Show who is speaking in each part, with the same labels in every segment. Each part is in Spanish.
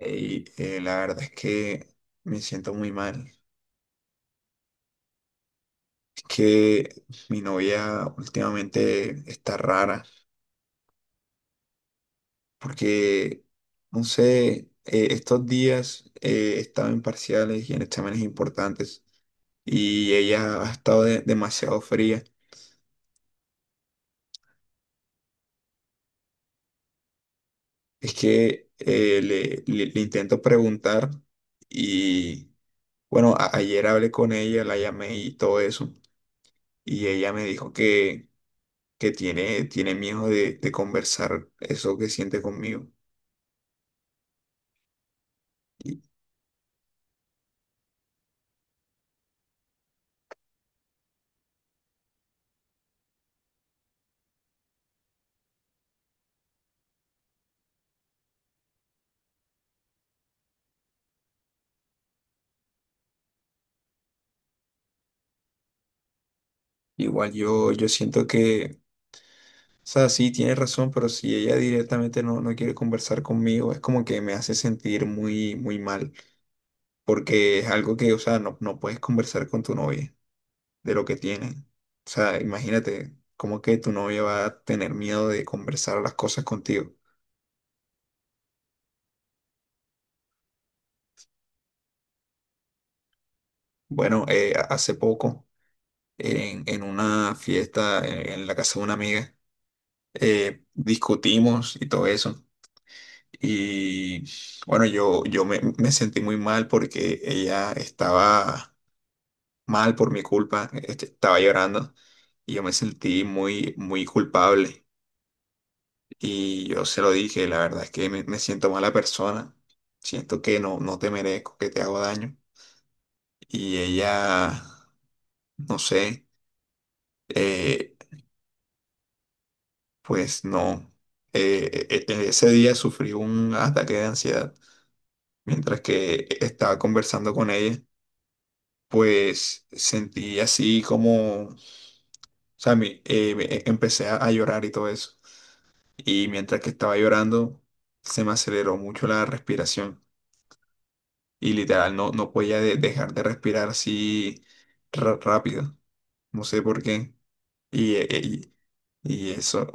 Speaker 1: Y la verdad es que me siento muy mal. Es que mi novia últimamente está rara porque, no sé, estos días he estado en parciales y en exámenes importantes, y ella ha estado demasiado fría. Es que le intento preguntar y, bueno, ayer hablé con ella, la llamé y todo eso, y ella me dijo que tiene miedo de conversar eso que siente conmigo. Y, Igual yo siento que, o sea, sí, tiene razón, pero si ella directamente no, no quiere conversar conmigo, es como que me hace sentir muy, muy mal, porque es algo que, o sea, no, no puedes conversar con tu novia de lo que tienen. O sea, imagínate, como que tu novia va a tener miedo de conversar las cosas contigo. Bueno, hace poco, en una fiesta en la casa de una amiga, discutimos y todo eso. Y bueno, me sentí muy mal porque ella estaba mal por mi culpa, este, estaba llorando y yo me sentí muy, muy culpable. Y yo se lo dije, la verdad es que me siento mala persona, siento que no, no te merezco, que te hago daño. Y ella, no sé, eh, pues no, ese día sufrí un ataque de ansiedad mientras que estaba conversando con ella, pues sentí así como, o sea, empecé a llorar y todo eso. Y mientras que estaba llorando, se me aceleró mucho la respiración. Y literal, no, no podía dejar de respirar así rápido. No sé por qué. Y, eh, eh, y eso.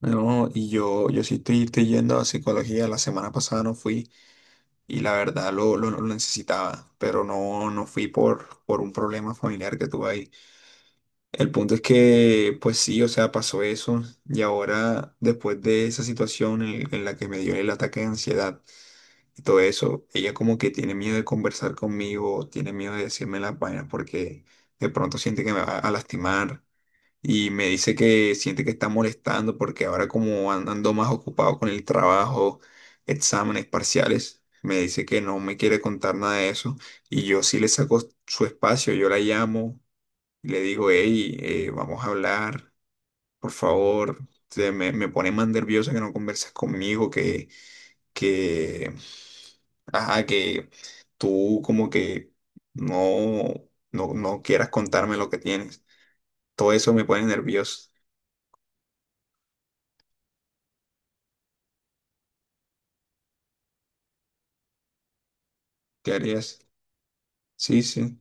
Speaker 1: No, y yo sí estoy, estoy yendo a psicología. La semana pasada no fui y la verdad lo necesitaba, pero no, no fui por un problema familiar que tuve ahí. El punto es que, pues sí, o sea, pasó eso y ahora después de esa situación en la que me dio el ataque de ansiedad y todo eso, ella como que tiene miedo de conversar conmigo, tiene miedo de decirme las vainas porque de pronto siente que me va a lastimar, y me dice que siente que está molestando porque ahora como ando más ocupado con el trabajo, exámenes parciales, me dice que no me quiere contar nada de eso. Y yo sí le saco su espacio, yo la llamo y le digo, "Hey, vamos a hablar, por favor, me pone más nerviosa que no conversas conmigo, que, ajá, que tú como que no, no, no quieras contarme lo que tienes". Todo eso me pone nervioso. ¿Qué harías? Sí, sí.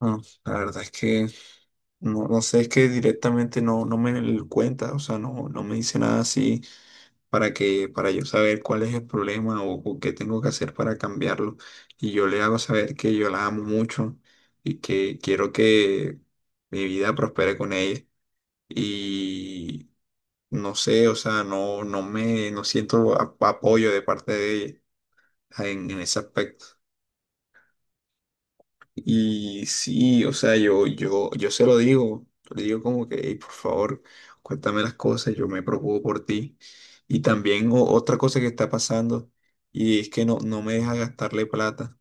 Speaker 1: No, la verdad es que no, no sé, es que directamente no, no me lo cuenta, o sea, no, no me dice nada así para que, para yo saber cuál es el problema o qué tengo que hacer para cambiarlo. Y yo le hago saber que yo la amo mucho y que quiero que mi vida prospere con ella. Y no sé, o sea, no siento apoyo de parte de ella en ese aspecto. Y sí, o sea, yo se lo digo, le digo como que, "Ey, por favor, cuéntame las cosas, yo me preocupo por ti". Y también otra cosa que está pasando, y es que no, no me deja gastarle plata.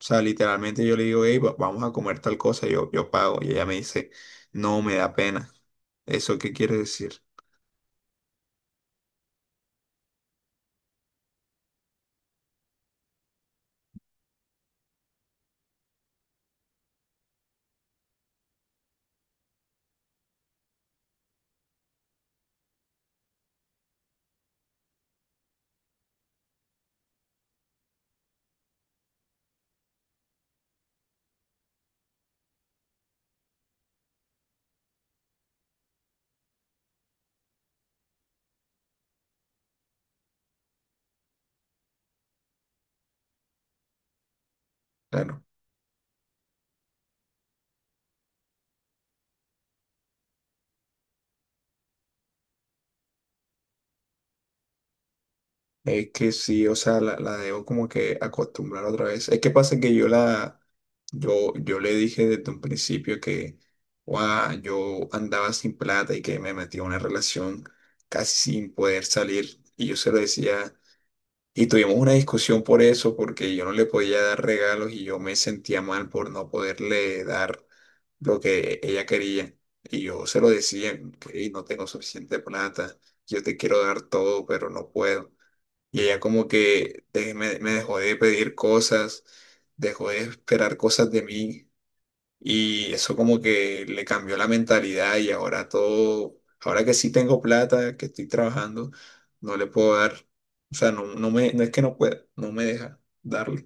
Speaker 1: O sea, literalmente yo le digo, "Hey, vamos a comer tal cosa, yo pago". Y ella me dice, "No, me da pena". ¿Eso qué quiere decir? Claro. Es que sí, o sea, la debo como que acostumbrar otra vez. Es que pasa que yo le dije desde un principio que, "Guau, yo andaba sin plata y que me metí en una relación casi sin poder salir". Y yo se lo decía, y tuvimos una discusión por eso, porque yo no le podía dar regalos y yo me sentía mal por no poderle dar lo que ella quería. Y yo se lo decía, y no tengo suficiente plata, yo te quiero dar todo, pero no puedo. Y ella como que me dejó de pedir cosas, dejó de esperar cosas de mí, y eso como que le cambió la mentalidad, y ahora todo, ahora que sí tengo plata, que estoy trabajando, no le puedo dar, o sea, no es que no pueda, no me deja darle.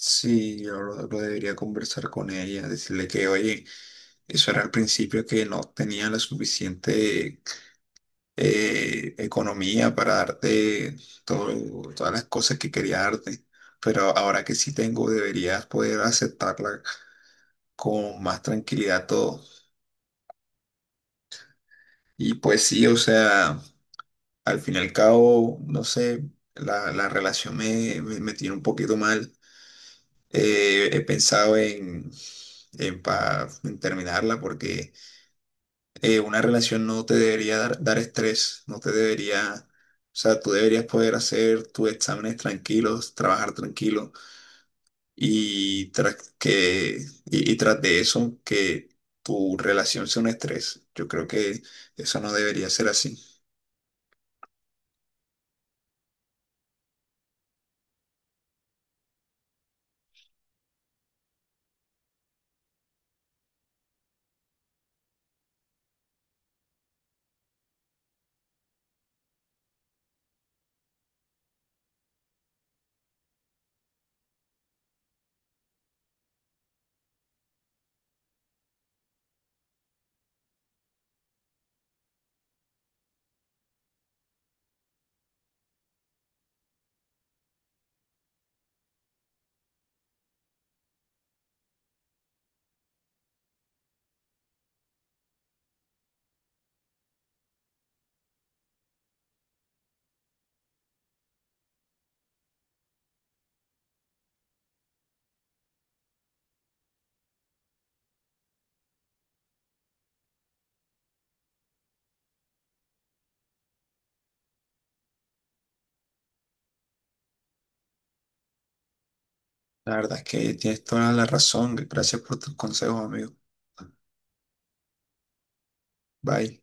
Speaker 1: Sí, yo lo debería conversar con ella, decirle que, oye, eso era al principio que no tenía la suficiente economía para darte todas las cosas que quería darte, pero ahora que sí tengo, deberías poder aceptarla con más tranquilidad todo. Y pues sí, o sea, al fin y al cabo, no sé, la relación me tiene un poquito mal. He pensado en, en terminarla porque una relación no te debería dar, dar estrés, no te debería, o sea, tú deberías poder hacer tus exámenes tranquilos, trabajar tranquilo, y tras que, y tras de eso, que tu relación sea un estrés. Yo creo que eso no debería ser así. La verdad es que tienes toda la razón. Gracias por tus consejos, amigo. Bye.